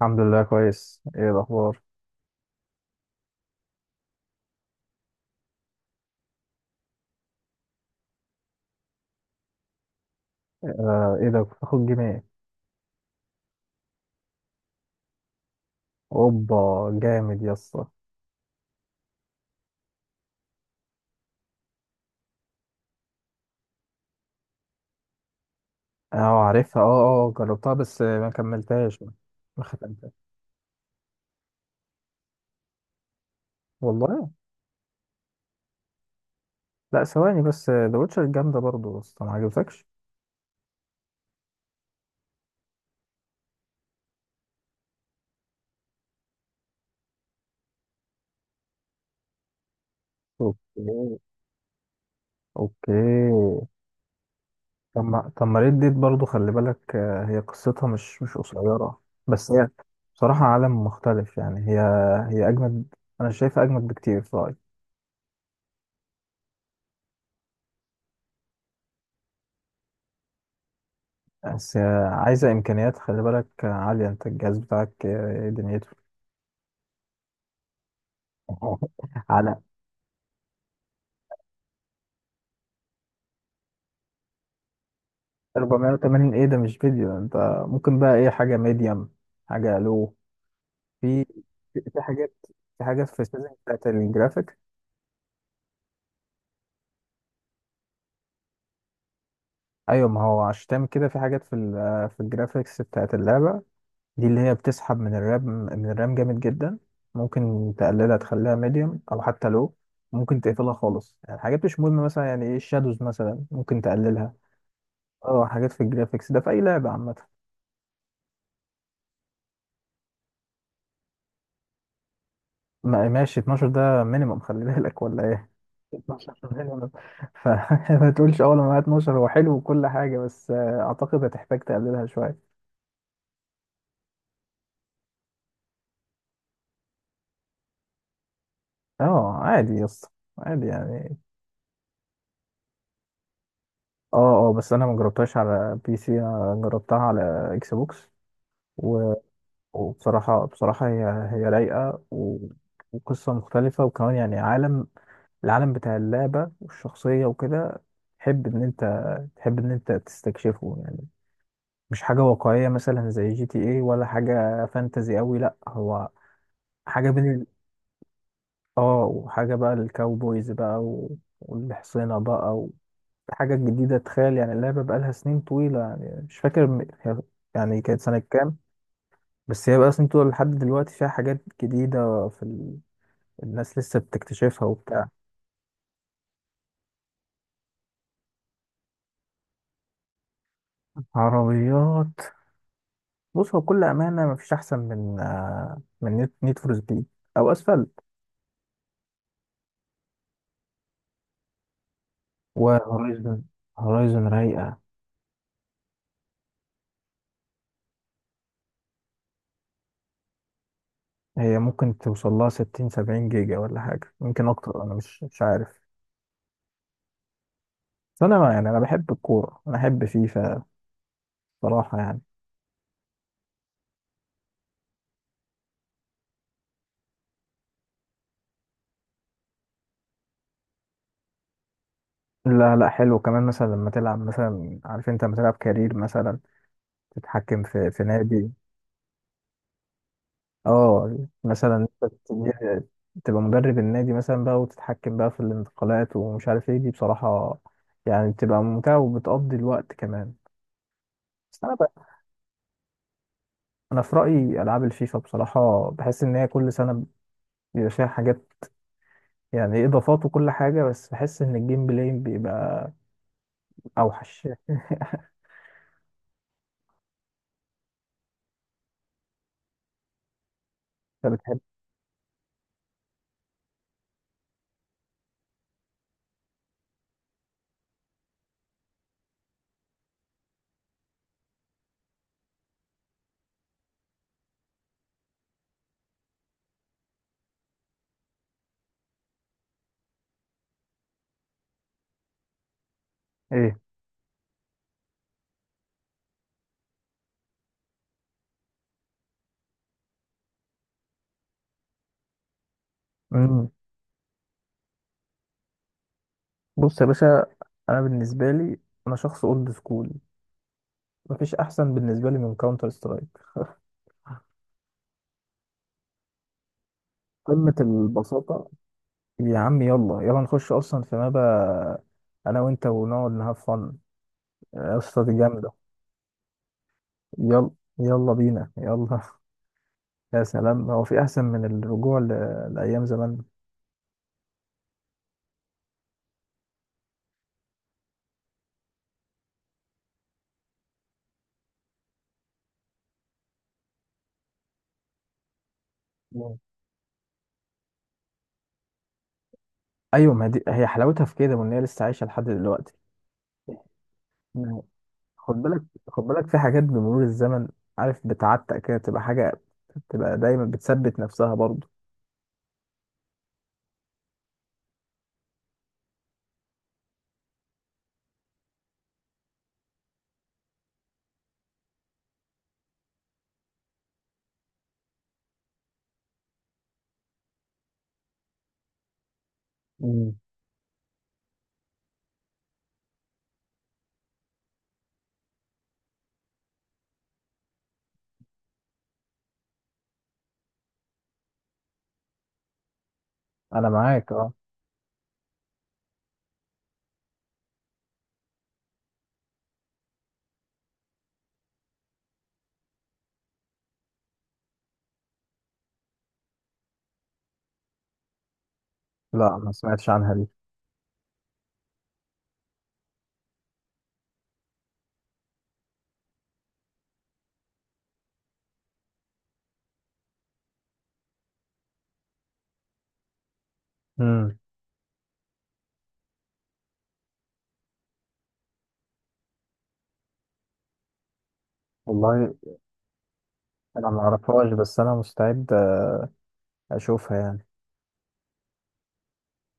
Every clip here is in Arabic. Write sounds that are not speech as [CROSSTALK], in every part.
الحمد لله كويس. ايه الاخبار؟ آه، ايه ده، كنت باخد جيم إيه؟ اوبا. جامد يا اسطى. اه، عارفها. اه، اه جربتها بس ما كملتهاش. ما ختمتهاش. والله. لا، ثواني بس. ذا ويتشر جامده برضه بس ما عجبتكش. اوكي، اوكي. طب ما ريد ديد برضه خلي بالك، آه، هي قصتها مش قصيره. بس هي بصراحه عالم مختلف يعني هي اجمد. انا شايفها اجمد بكتير في رأيي. بس عايزة إمكانيات خلي بالك عالية. أنت الجهاز بتاعك إيه دنيته؟ [LAUGHS] على 480؟ إيه ده، مش فيديو أنت. ممكن بقى إيه، حاجة ميديم. حاجة لو في في حاجات في حاجات في السيزون بتاعت الجرافيك. أيوة، ما هو عشان تعمل كده في حاجات في ال آه، في الجرافيكس بتاعت اللعبة دي، اللي هي بتسحب من الرام جامد جدا. ممكن تقللها، تخليها ميديم. أو حتى لو ممكن تقفلها خالص، يعني حاجات مش مهمة مثلا، يعني إيه الشادوز مثلا، ممكن تقللها. اه، حاجات في الجرافيكس ده في اي لعبه عامه. ماشي، 12 ده مينيمم خلي بالك ولا ايه؟ 12 minimum. فما [LAUGHS] تقولش اول ما معايا 12 هو حلو وكل حاجه، بس اعتقد هتحتاج تقللها شويه. اه، عادي يا اسطى، عادي يعني. اه، اه، بس انا ما جربتهاش على بي سي، انا جربتها على اكس بوكس. و- وبصراحه هي رايقه، و... وقصه مختلفه، وكمان يعني عالم، العالم بتاع اللعبة والشخصية وكده، تحب إن أنت تحب إن أنت تستكشفه يعني. مش حاجة واقعية مثلا زي جي تي إيه، ولا حاجة فانتزي أوي. لأ، هو حاجة بين ال، آه وحاجة بقى الكاوبويز بقى، و... والحصينة بقى. و... حاجة جديدة، تخيل. يعني اللعبة بقالها سنين طويلة، يعني مش فاكر يعني كانت سنة كام. بس هي بقى سنين طويلة لحد دلوقتي، فيها حاجات جديدة في ال... الناس لسه بتكتشفها وبتاع. عربيات. بص، هو بكل أمانة مفيش أحسن من نيد فور سبيد، أو أسفلت. وهورايزن هورايزن رايقة. هي ممكن توصل لها 60 70 جيجا ولا حاجة، يمكن أكتر، أنا مش عارف. بس أنا يعني أنا بحب الكورة، أنا بحب فيفا بصراحة يعني. لا، لا، حلو كمان مثلا لما تلعب مثلا. عارف أنت لما تلعب كارير مثلا، تتحكم في نادي. اه، مثلا انت تجي- تبقى مدرب النادي مثلا بقى، وتتحكم بقى في الانتقالات ومش عارف ايه. دي بصراحة يعني بتبقى ممتعة وبتقضي الوقت كمان. بس انا بقى، انا في رأيي العاب الفيفا بصراحة بحس ان هي كل سنة بيبقى فيها حاجات، يعني اضافات وكل حاجة، بس بحس ان الجيم بلاي بيبقى اوحش [LAUGHS] انت بتحب ايه؟ امم بص يا باشا، انا بالنسبة لي، انا شخص اولد سكول. مفيش احسن بالنسبة لي من كاونتر سترايك [LAUGHS] قمة البساطة. يا عم يلا يلا نخش اصلا في مابا، انا وانت ونقعد نهاف فن. يا اسطى، دي جامده. يلا، يلا بينا، يلا [LAUGHS] يا سلام، هو في احسن من الرجوع ل... لايام زمان؟ مم. ايوه، ما دي هي حلاوتها في كده، وان هي لسه عايشه لحد دلوقتي. مم. خد بالك خد بالك في حاجات بمرور الزمن، عارف، بتعتق كده، تبقى حاجه تبقى دايما بتثبت نفسها برضه. مم. انا معاك، اه. لا، ما سمعتش عنها دي. امم والله انا ما اعرفهاش، بس انا مستعد اشوفها يعني.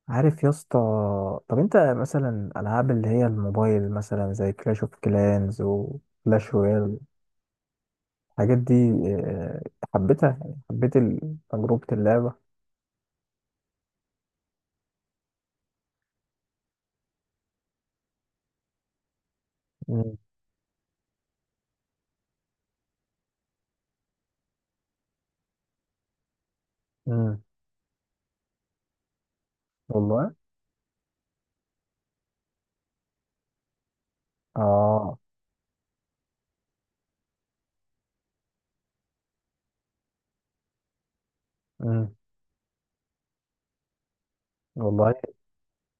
عارف يا اسطى، طب انت مثلا العاب اللي هي الموبايل مثلا زي كلاش اوف كلانز وكلاش رويال، الحاجات دي، آه، حبيتها يعني، حبيت تجربة اللعبة. مم. مم. والله. اه. مم. والله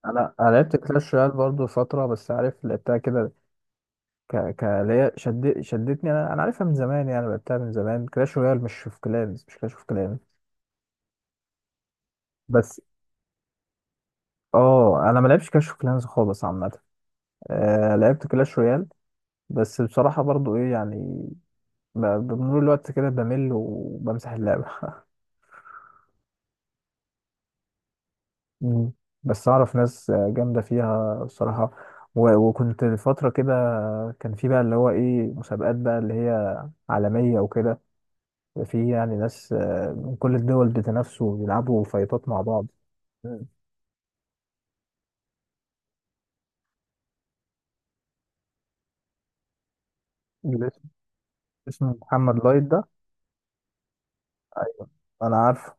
انا لعبت كلاش رويال برضو فترة، بس عارف لعبتها كده. ك ك اللي هي شدتني. انا عارفها من زمان، يعني لعبتها من زمان. كلاش رويال، مش اوف كلانز، مش كلاش اوف كلانز. بس اه، انا ما لعبتش كلاش اوف كلانز خالص عامة. آه، لعبت كلاش رويال. بس بصراحة برضو ايه يعني، ب- بمرور الوقت كده بمل وبمسح اللعبة [LAUGHS] مم. بس اعرف ناس جامدة فيها بصراحة. وكنت فترة كده، كان في بقى اللي هو ايه، مسابقات بقى اللي هي عالمية وكده. في يعني ناس من كل الدول بتنافسوا ويلعبوا فايتات مع بعض. مم. اللي اسمه، اسمه محمد لايت ده. أيوة، انا عارفه.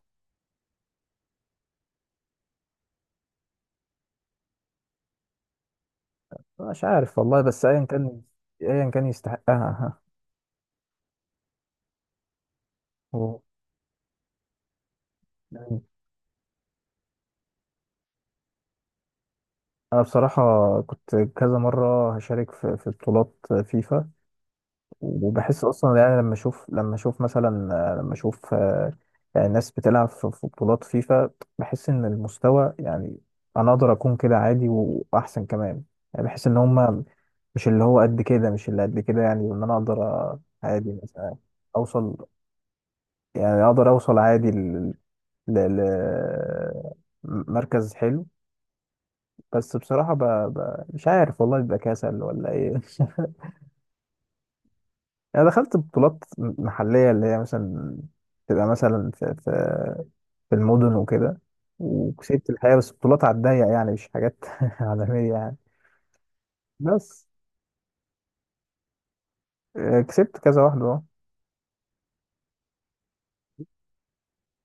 مش عارف والله، بس ايا كان، ايا كان يستحقها. [LAUGHS] أوه. انا بصراحه كنت كذا مره هشارك في بطولات فيفا. وبحس اصلا يعني لما اشوف مثلا، لما اشوف يعني ناس بتلعب في بطولات فيفا، بحس ان المستوى يعني انا اقدر اكون كده عادي واحسن كمان. يعني بحس ان هم مش اللي هو قد كده، مش اللي قد كده يعني، وان انا اقدر أ- عادي مثلا اوصل. يعني اقدر اوصل عادي ل مركز حلو. بس بصراحة مش عارف والله، بيبقى كسل ولا ايه [LAUGHS] انا دخلت بطولات محلية اللي هي مثلا تبقى مثلا في في المدن وكده، وكسبت الحقيقة، بس بطولات على الضيق يعني، مش حاجات [LAUGHS] عالمية يعني. بس كسبت كذا واحدة اهو.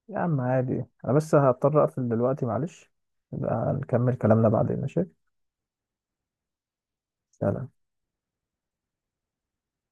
يا عم عادي، انا بس هضطر اقفل دلوقتي معلش. نبقى نكمل كلامنا بعدين، ماشي. سلام.